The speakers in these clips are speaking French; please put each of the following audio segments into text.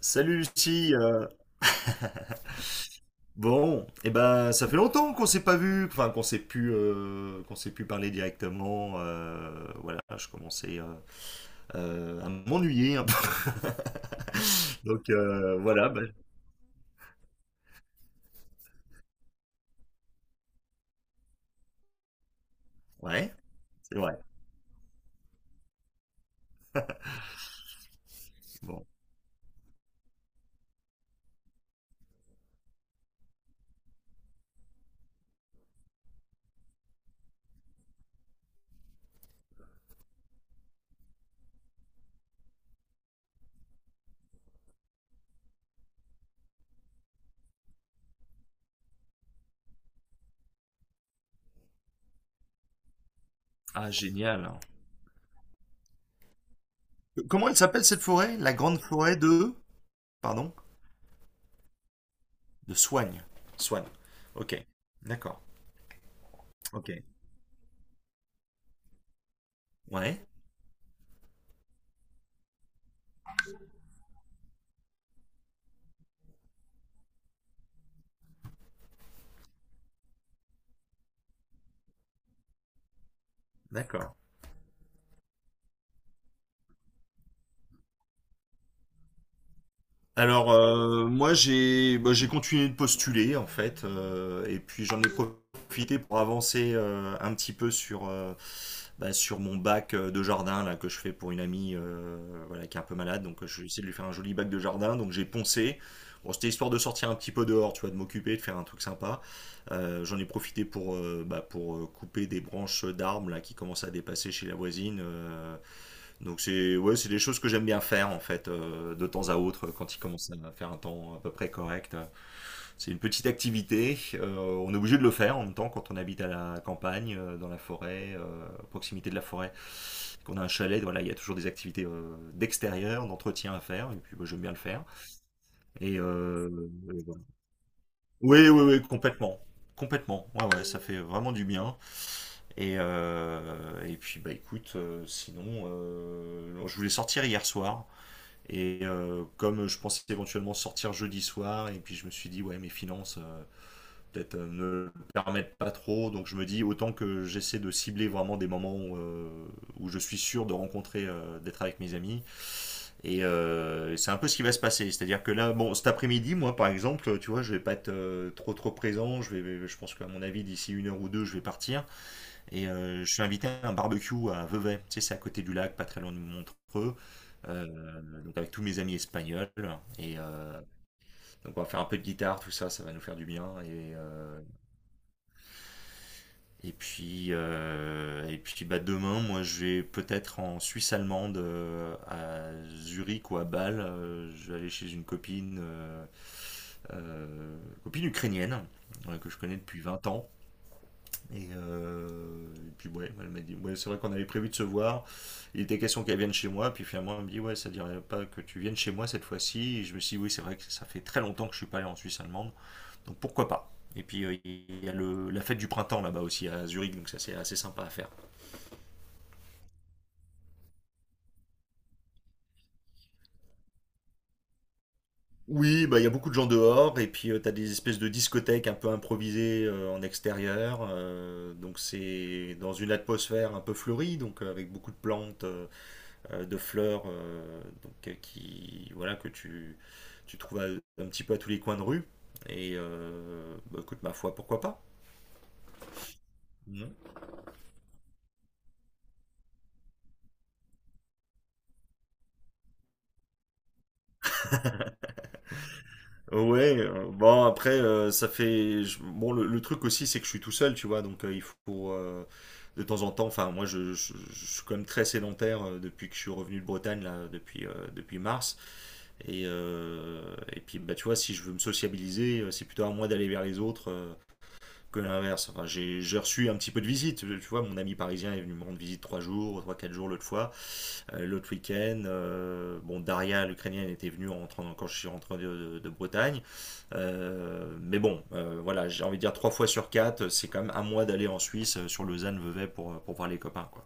Salut Lucie. Bon, et ben ça fait longtemps qu'on s'est pas vu, enfin qu'on s'est pu parler directement. Voilà, je commençais à m'ennuyer un peu. Donc voilà, ben, ouais, c'est vrai. Bon. Ah génial. Comment elle s'appelle cette forêt? La grande forêt de, pardon, de Soigne. Soigne. Ok. D'accord. Ok. Ouais. D'accord. Alors, moi, j'ai bah, j'ai continué de postuler, en fait, et puis j'en ai profité pour avancer un petit peu sur, bah, sur mon bac de jardin là, que je fais pour une amie voilà, qui est un peu malade. Donc, je vais essayer de lui faire un joli bac de jardin. Donc, j'ai poncé. Bon, c'était histoire de sortir un petit peu dehors, tu vois, de m'occuper, de faire un truc sympa. J'en ai profité pour, bah, pour couper des branches d'arbres là, qui commencent à dépasser chez la voisine. Donc c'est ouais, c'est des choses que j'aime bien faire en fait de temps à autre quand il commence à faire un temps à peu près correct. C'est une petite activité, on est obligé de le faire en même temps quand on habite à la campagne, dans la forêt, à proximité de la forêt, qu'on a un chalet, voilà, il y a toujours des activités d'extérieur, d'entretien à faire et puis bah, j'aime bien le faire. Et euh, et voilà. Oui, oui, oui, complètement. Complètement. Ouais, ouais, ça fait vraiment du bien. Et puis bah écoute, sinon, je voulais sortir hier soir. Et comme je pensais éventuellement sortir jeudi soir, et puis je me suis dit, ouais, mes finances peut-être ne le permettent pas trop, donc je me dis, autant que j'essaie de cibler vraiment des moments où je suis sûr de rencontrer, d'être avec mes amis. Et c'est un peu ce qui va se passer. C'est-à-dire que là, bon, cet après-midi, moi, par exemple, tu vois, je vais pas être trop trop présent. Je pense qu'à mon avis, d'ici une heure ou deux, je vais partir. Et je suis invité à un barbecue à Vevey, tu sais, c'est à côté du lac, pas très loin de Montreux, donc avec tous mes amis espagnols. Et donc on va faire un peu de guitare, tout ça, ça va nous faire du bien. Et puis bah, demain, moi je vais peut-être en Suisse allemande, à Zurich ou à Bâle. Je vais aller chez une copine, euh, copine ukrainienne que je connais depuis 20 ans. Et, euh, et puis ouais, elle m'a dit, ouais, c'est vrai qu'on avait prévu de se voir. Il était question qu'elle vienne chez moi, puis finalement elle me dit, ouais, ça ne dirait pas que tu viennes chez moi cette fois-ci. Et je me suis dit, oui, c'est vrai que ça fait très longtemps que je suis pas allé en Suisse allemande, donc pourquoi pas. Et puis il y a la fête du printemps là-bas aussi à Zurich, donc ça c'est assez sympa à faire. Oui, bah il y a beaucoup de gens dehors, et puis tu as des espèces de discothèques un peu improvisées en extérieur. Donc c'est dans une atmosphère un peu fleurie, donc avec beaucoup de plantes. De fleurs donc, qui, voilà, que tu trouves un petit peu à tous les coins de rue. Et bah, écoute, ma foi, pourquoi pas? Mhm. Ouais, bon après ça fait bon le truc aussi c'est que je suis tout seul tu vois donc il faut de temps en temps enfin moi je suis quand même très sédentaire depuis que je suis revenu de Bretagne là depuis mars et puis bah tu vois si je veux me sociabiliser c'est plutôt à moi d'aller vers les autres que l'inverse. Enfin, j'ai reçu un petit peu de visite. Tu vois, mon ami parisien est venu me rendre visite 3 jours, 3, 4 jours l'autre fois. L'autre week-end, bon, Daria, l'Ukrainienne, était venue en quand je suis rentré de, de Bretagne. Mais bon, voilà, j'ai envie de dire trois fois sur quatre, c'est quand même un mois d'aller en Suisse sur Lausanne-Vevey pour voir les copains, quoi.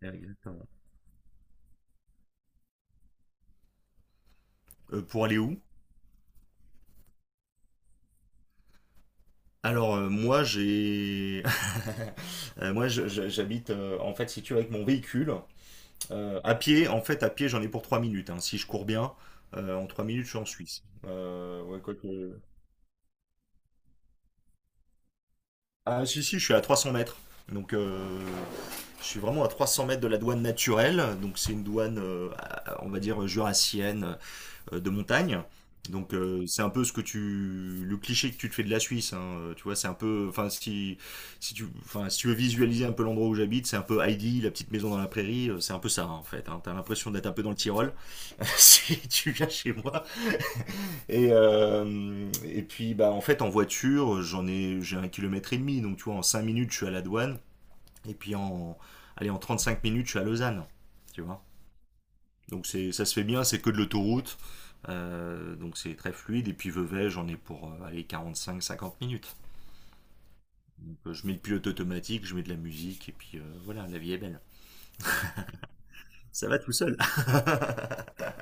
Voilà, exactement. Pour aller où? Alors, moi j'ai Moi j'habite en fait si tu veux avec mon véhicule. À pied, en fait, à pied, j'en ai pour 3 minutes. Hein. Si je cours bien, en 3 minutes, je suis en Suisse. Ouais. Ah, si, si, je suis à 300 mètres. Donc, je suis vraiment à 300 mètres de la douane naturelle. Donc, c'est une douane, on va dire, jurassienne, de montagne. Donc, c'est un peu ce que le cliché que tu te fais de la Suisse. Hein. Tu vois, c'est un peu, enfin, si tu veux visualiser un peu l'endroit où j'habite, c'est un peu Heidi, la petite maison dans la prairie. C'est un peu ça, hein, en fait. Hein. T'as l'impression d'être un peu dans le Tyrol. Si tu viens chez moi. Et puis, bah, en fait, en voiture, j'ai 1 kilomètre et demi. Donc, tu vois, en 5 minutes, je suis à la douane. Et puis, en 35 minutes, je suis à Lausanne. Tu vois. Donc, c'est, ça se fait bien, c'est que de l'autoroute. Donc, c'est très fluide. Et puis, Vevey, j'en ai pour, allez, 45 50 minutes. Donc, je mets le pilote automatique, je mets de la musique. Et puis, voilà, la vie est belle. Ça va tout seul.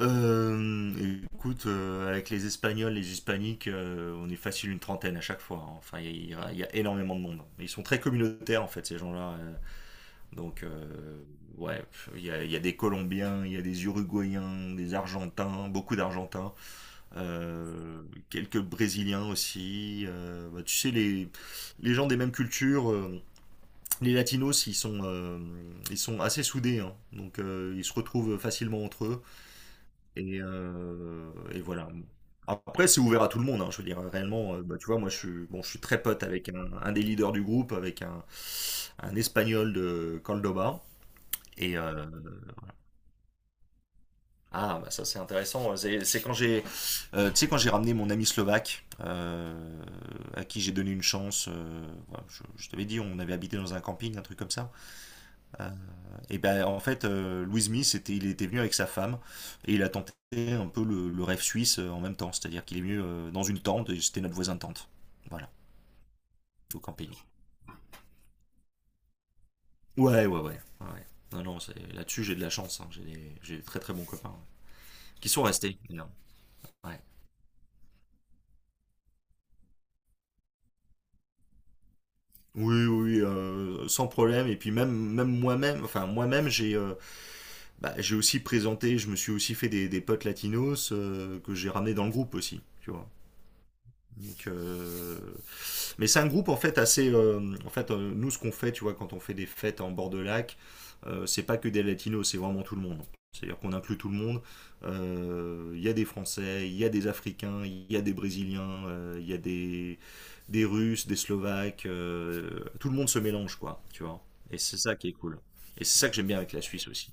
Écoute, avec les Espagnols, les Hispaniques, on est facile une trentaine à chaque fois. Hein. Enfin, il y a énormément de monde. Hein. Ils sont très communautaires, en fait, ces gens-là. Donc, ouais, pff, il y a des Colombiens, il y a des Uruguayens, des Argentins, beaucoup d'Argentins, euh, quelques Brésiliens aussi. Bah, tu sais, les gens des mêmes cultures, les Latinos, ils sont assez soudés. Hein. Donc, ils se retrouvent facilement entre eux. Et voilà. Après, c'est ouvert à tout le monde, hein. Je veux dire, réellement, bah, tu vois, moi, je suis bon, je suis très pote avec un des leaders du groupe, avec un Espagnol de Córdoba. et heu ah, bah, ça, c'est intéressant, c'est quand tu sais, quand j'ai ramené mon ami slovaque, à qui j'ai donné une chance, voilà, je t'avais dit, on avait habité dans un camping, un truc comme ça. Euh, et ben en fait, Louis Smith, il était venu avec sa femme et il a tenté un peu le rêve suisse en même temps, c'est-à-dire qu'il est venu dans une tente et c'était notre voisin de tente. Voilà, au camping. Ouais, ouais, ouais. Ouais. Ouais. Non, non, là-dessus j'ai de la chance, hein. J'ai des très très bons copains ouais. Qui sont restés d'ailleurs. Ouais. Oui, oui, sans problème. Et puis même moi-même, enfin moi-même, j'ai bah, j'ai aussi présenté, je me suis aussi fait des potes latinos que j'ai ramenés dans le groupe aussi, tu vois. Donc, mais c'est un groupe en fait assez. En fait, nous, ce qu'on fait, tu vois, quand on fait des fêtes en bord de lac, c'est pas que des latinos, c'est vraiment tout le monde. C'est-à-dire qu'on inclut tout le monde. Il y a des Français, il y a des Africains, il y a des Brésiliens, il y a des Russes, des Slovaques. Tout le monde se mélange, quoi, tu vois. Et c'est ça qui est cool. Et c'est ça que j'aime bien avec la Suisse aussi.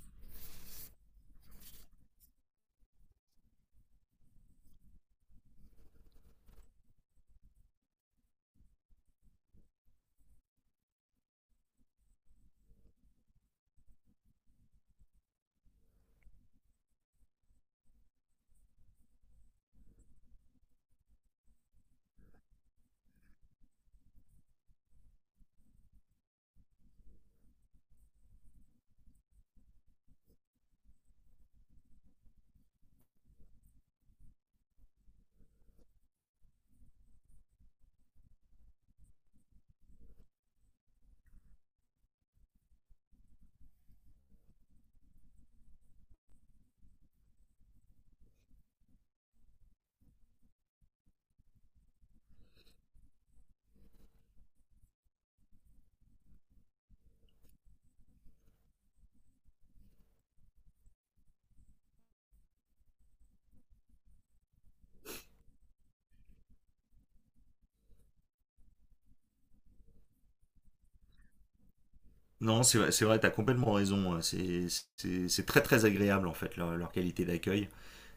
Non, c'est vrai, t'as complètement raison. Hein. C'est très très agréable en fait leur qualité d'accueil.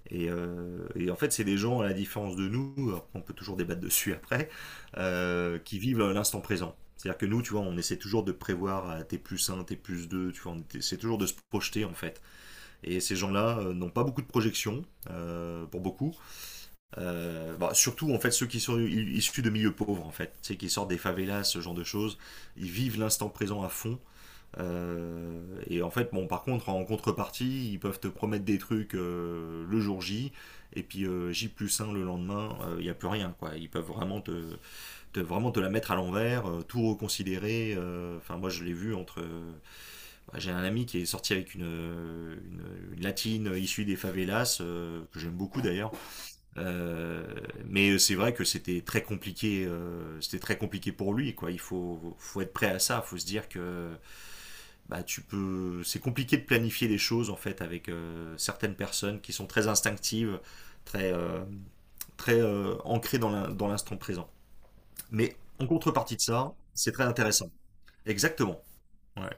Et, en fait, c'est des gens, à la différence de nous, alors qu'on peut toujours débattre dessus après, qui vivent l'instant présent. C'est-à-dire que nous, tu vois, on essaie toujours de prévoir à T plus un, T plus 2. Tu vois, on essaie toujours de se projeter en fait. Et ces gens-là n'ont pas beaucoup de projections, pour beaucoup. Bah, surtout en fait ceux qui sont issus de milieux pauvres en fait, tu sais, qui sortent des favelas, ce genre de choses, ils vivent l'instant présent à fond. Euh, et en fait, bon, par contre, en contrepartie, ils peuvent te promettre des trucs le jour J, et puis J plus un le lendemain, il n'y a plus rien, quoi. Ils peuvent vraiment vraiment te la mettre à l'envers, tout reconsidérer. Enfin, moi, je l'ai vu entre. Bah, j'ai un ami qui est sorti avec une latine issue des favelas, que j'aime beaucoup d'ailleurs. Euh, mais c'est vrai que c'était très compliqué pour lui, quoi. Il faut être prêt à ça. Il faut se dire que bah, c'est compliqué de planifier les choses en fait avec certaines personnes qui sont très instinctives, très, euh, très ancrées dans l'instant présent. Mais en contrepartie de ça, c'est très intéressant. Exactement. Ouais.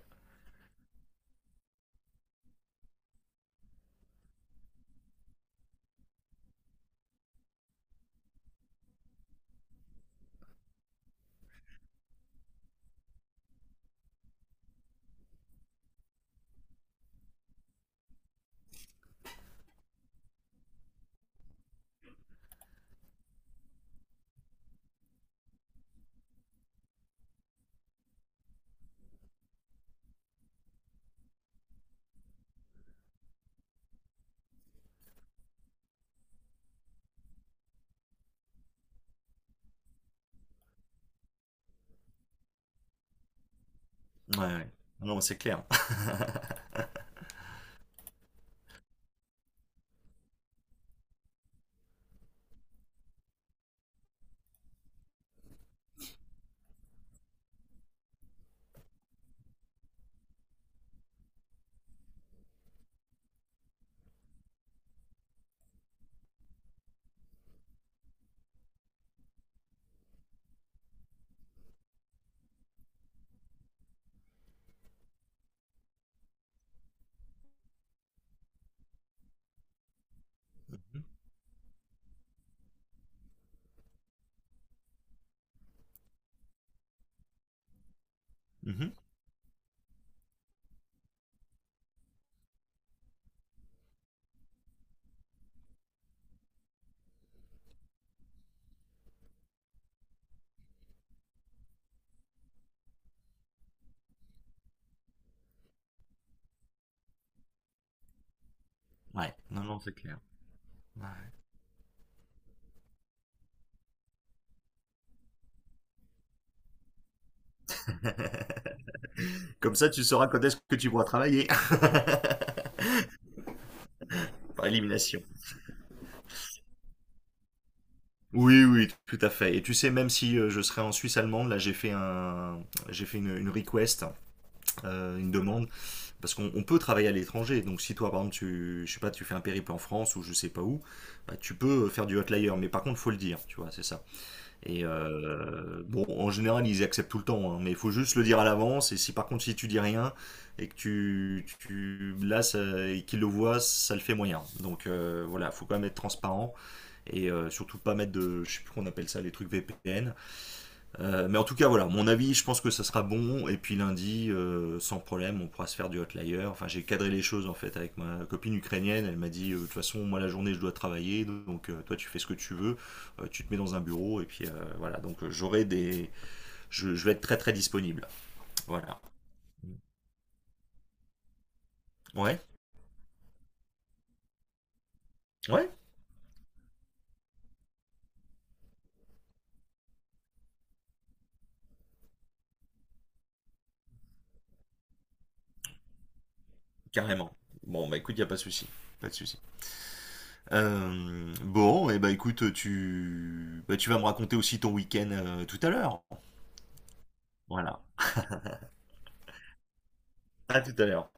Ouais. Ouais. Non, c'est clair. Mhm. Ouais. Non, non, c'est clair. Ouais. Comme ça, tu sauras quand est-ce que tu pourras travailler. Par élimination. Oui, oui, tout à fait. Et tu sais, même si je serais en Suisse allemande, là j'ai fait un, j'ai fait une request, une demande, parce qu'on on peut travailler à l'étranger. Donc si toi, par exemple, tu, je sais pas, tu fais un périple en France ou je sais pas où, bah, tu peux faire du hotlayer, mais par contre, faut le dire, tu vois, c'est ça. Et bon, en général, ils acceptent tout le temps, hein, mais il faut juste le dire à l'avance. Et si par contre, si tu dis rien et que tu là, ça- et qu'ils le voient, ça le fait moyen. Donc voilà, faut quand même être transparent. Et surtout pas mettre de, je sais plus qu'on appelle ça, les trucs VPN. Mais en tout cas, voilà, mon avis, je pense que ça sera bon. Et puis lundi, sans problème, on pourra se faire du hotlayer. Enfin, j'ai cadré les choses en fait avec ma copine ukrainienne. Elle m'a dit, de toute façon, moi la journée, je dois travailler, donc toi, tu fais ce que tu veux, tu te mets dans un bureau et puis voilà. Donc j'aurai je vais être très très disponible. Voilà. Ouais, ouais, carrément. Bon, bah écoute, y a pas de souci, pas de souci. Bon, et bah écoute, bah, tu vas me raconter aussi ton week-end tout à l'heure. Voilà. À tout à l'heure.